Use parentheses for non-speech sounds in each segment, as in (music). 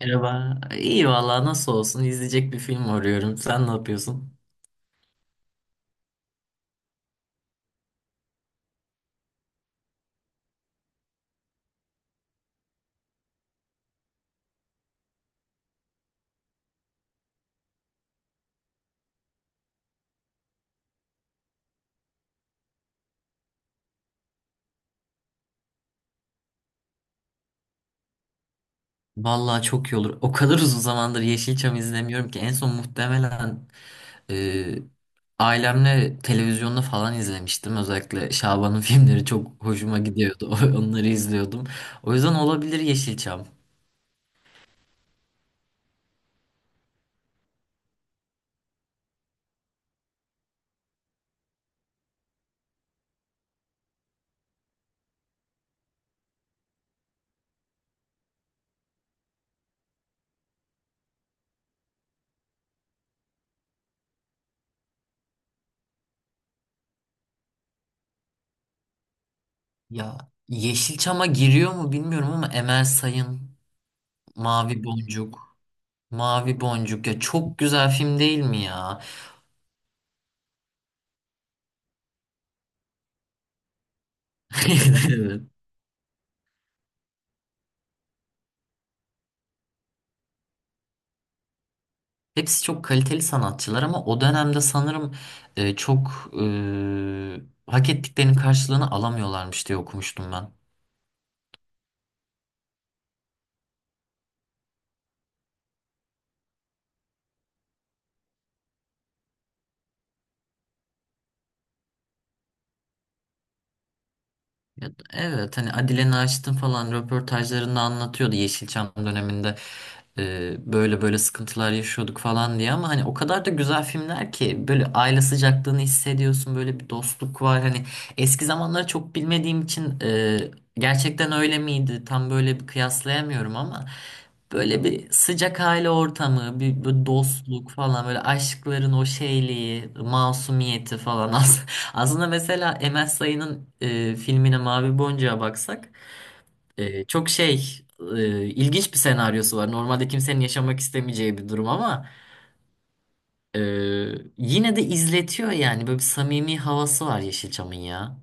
Merhaba. İyi valla, nasıl olsun, izleyecek bir film arıyorum. Sen ne yapıyorsun? Valla çok iyi olur. O kadar uzun zamandır Yeşilçam izlemiyorum ki en son muhtemelen e, ailemle televizyonda falan izlemiştim. Özellikle Şaban'ın (laughs) filmleri çok hoşuma gidiyordu. (laughs) Onları izliyordum. O yüzden olabilir Yeşilçam. Ya, Yeşilçam'a giriyor mu bilmiyorum ama Emel Sayın, Mavi Boncuk, Mavi Boncuk ya çok güzel film değil mi ya? (laughs) Evet. Hepsi çok kaliteli sanatçılar ama o dönemde sanırım çok hak ettiklerinin karşılığını alamıyorlarmış diye okumuştum ben. Evet, hani Adile Naşit'in falan röportajlarında anlatıyordu, Yeşilçam döneminde böyle böyle sıkıntılar yaşıyorduk falan diye, ama hani o kadar da güzel filmler ki, böyle aile sıcaklığını hissediyorsun, böyle bir dostluk var hani. Eski zamanları çok bilmediğim için gerçekten öyle miydi tam böyle bir kıyaslayamıyorum ama böyle bir sıcak aile ortamı, bir dostluk falan, böyle aşkların o şeyliği, masumiyeti falan. (laughs) Aslında mesela Emel Sayın'ın filmine, Mavi Boncuk'a baksak, e, çok şey ilginç bir senaryosu var. Normalde kimsenin yaşamak istemeyeceği bir durum ama e, yine de izletiyor yani. Böyle bir samimi havası var Yeşilçam'ın ya.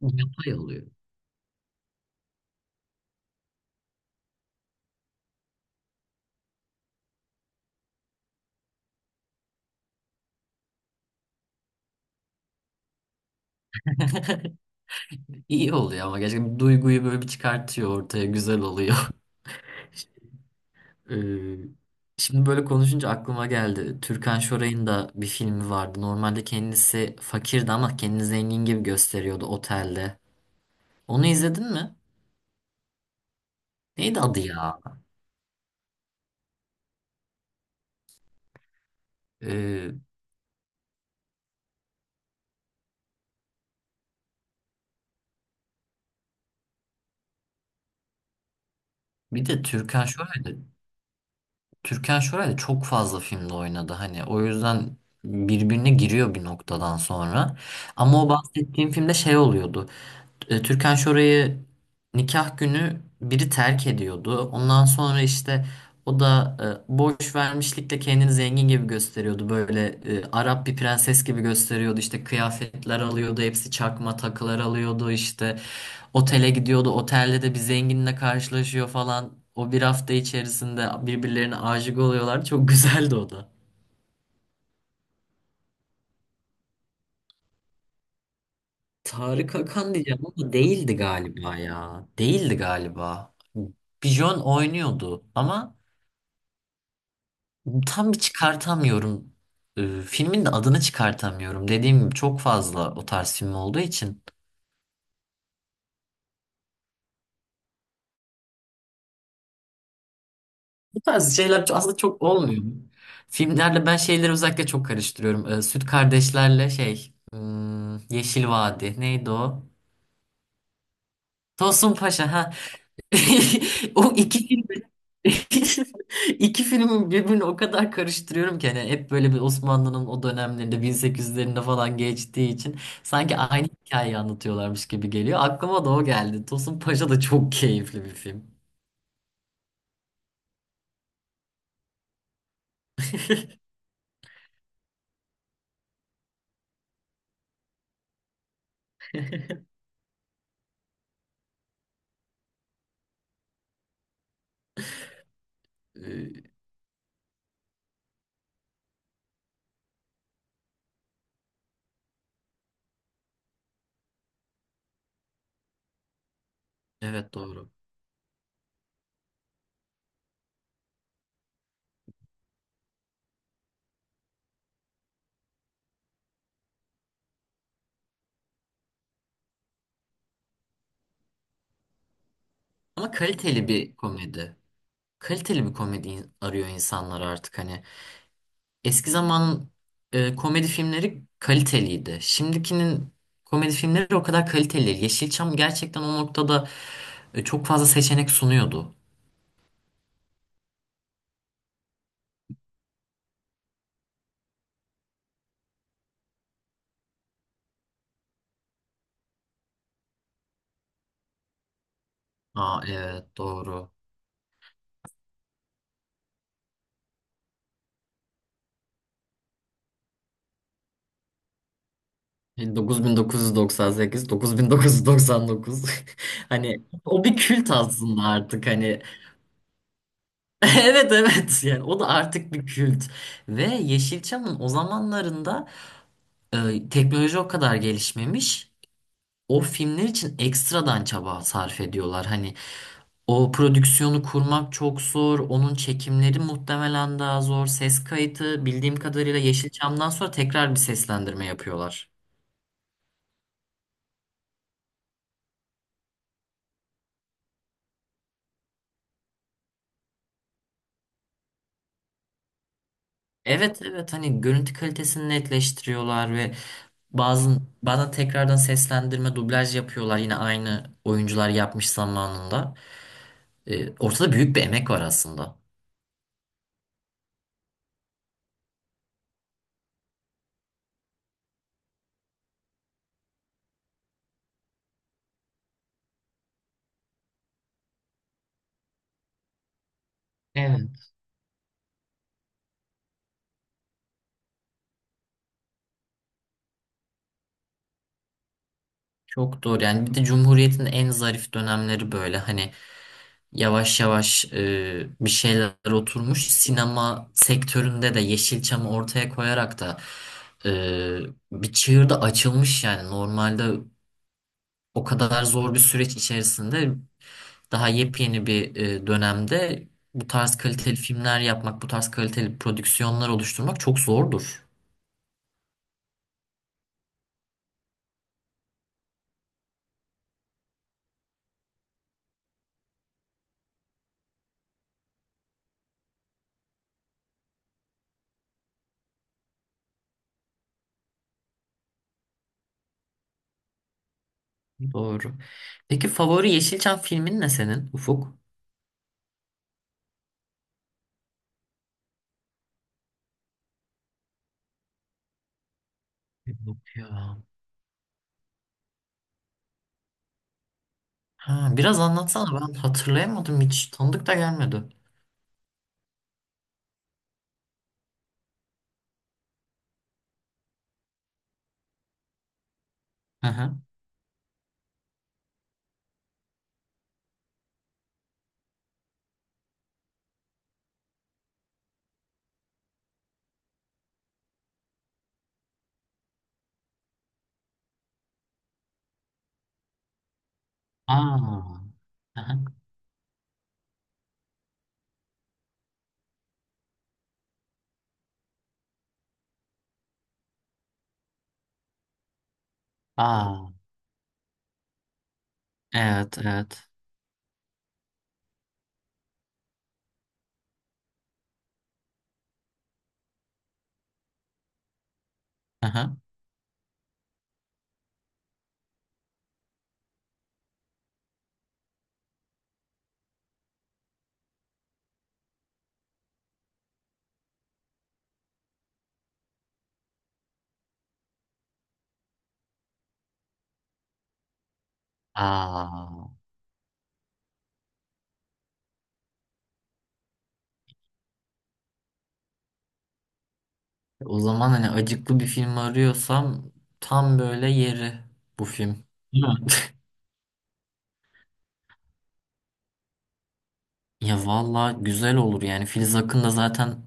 Yapay oluyor. İyi oluyor ama gerçekten duyguyu böyle bir çıkartıyor ortaya. Güzel oluyor. (laughs) E, şimdi böyle konuşunca aklıma geldi. Türkan Şoray'ın da bir filmi vardı. Normalde kendisi fakirdi ama kendini zengin gibi gösteriyordu otelde. Onu izledin mi? Neydi adı ya? Ee, Bir de Türkan Şoray'da Türkan Şoray'da çok fazla filmde oynadı hani, o yüzden birbirine giriyor bir noktadan sonra. Ama o bahsettiğim filmde şey oluyordu. Türkan Şoray'ı nikah günü biri terk ediyordu. Ondan sonra işte o da borç vermişlikle kendini zengin gibi gösteriyordu. Böyle Arap bir prenses gibi gösteriyordu. İşte kıyafetler alıyordu, hepsi çakma takılar alıyordu. İşte otele gidiyordu. Otelde de bir zenginle karşılaşıyor falan. O bir hafta içerisinde birbirlerine aşık oluyorlar. Çok güzeldi o da. Tarık Akan diyeceğim ama değildi galiba ya. Değildi galiba. Bijon oynuyordu ama tam bir çıkartamıyorum. Filmin de adını çıkartamıyorum. Dediğim gibi çok fazla o tarz film olduğu için. Bu tarz şeyler aslında çok olmuyor. Filmlerle ben şeyleri özellikle çok karıştırıyorum. Süt Kardeşler'le Yeşil Vadi neydi o? Tosun Paşa ha. (laughs) O iki filmi, (laughs) iki filmin birbirini o kadar karıştırıyorum ki, hani hep böyle bir Osmanlı'nın o dönemlerinde, 1800'lerinde falan geçtiği için sanki aynı hikayeyi anlatıyorlarmış gibi geliyor. Aklıma da o geldi. Tosun Paşa da çok keyifli bir film. Ee, Evet, doğru. Ama kaliteli bir komedi. Arıyor insanlar artık hani. Eski zamanın komedi filmleri kaliteliydi. Şimdikinin komedi filmleri o kadar kaliteli değil. Yeşilçam gerçekten o noktada çok fazla seçenek sunuyordu. Aa, evet doğru. 9998, 9999. (laughs) Hani o bir kült aslında artık hani. (laughs) Evet, evet, yani o da artık bir kült. Ve Yeşilçam'ın o zamanlarında teknoloji o kadar gelişmemiş. O filmler için ekstradan çaba sarf ediyorlar. Hani o prodüksiyonu kurmak çok zor. Onun çekimleri muhtemelen daha zor. Ses kayıtı bildiğim kadarıyla Yeşilçam'dan sonra tekrar bir seslendirme yapıyorlar. Evet, evet, hani görüntü kalitesini netleştiriyorlar ve bazen tekrardan seslendirme, dublaj yapıyorlar, yine aynı oyuncular yapmış zamanında. Ortada büyük bir emek var aslında. Evet. Çok doğru, yani bir de Cumhuriyet'in en zarif dönemleri böyle, hani yavaş yavaş bir şeyler oturmuş sinema sektöründe de, Yeşilçam'ı ortaya koyarak da e, bir çığır da açılmış yani. Normalde o kadar zor bir süreç içerisinde, daha yepyeni bir dönemde bu tarz kaliteli filmler yapmak, bu tarz kaliteli prodüksiyonlar oluşturmak çok zordur. Doğru. Peki favori Yeşilçam filmin ne senin, Ufuk? Yok ya. Ha, biraz anlatsana, ben hatırlayamadım, hiç tanıdık da gelmedi. Hı hı. Aa. Hı hı. Aa. Evet, evet. Hı hı. Aa. O zaman hani acıklı bir film arıyorsam, tam böyle yeri bu film. Değil mi? (laughs) Ya valla, güzel olur yani. Filiz Akın da zaten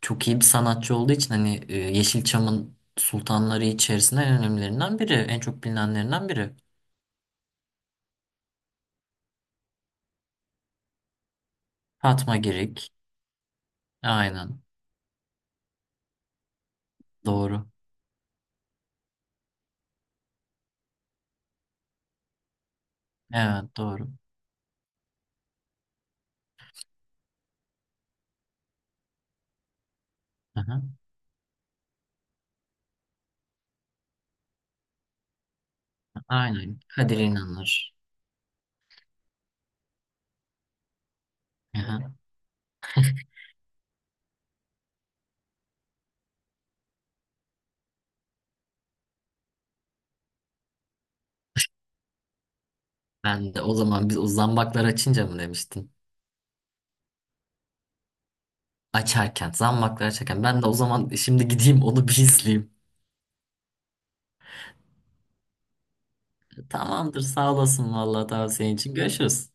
çok iyi bir sanatçı olduğu için hani, Yeşilçam'ın sultanları içerisinde en önemlilerinden biri, en çok bilinenlerinden biri. Fatma Girik. Aynen. Doğru. Evet, doğru. Hı hı. Aynen. Kadir İnanır. Aha. Ben de o zaman, biz o zambaklar açınca mı demiştin? Açarken, zambaklar açarken. Ben de o zaman şimdi gideyim onu bir izleyeyim. Tamamdır, sağ olasın vallahi tavsiyen için. Görüşürüz.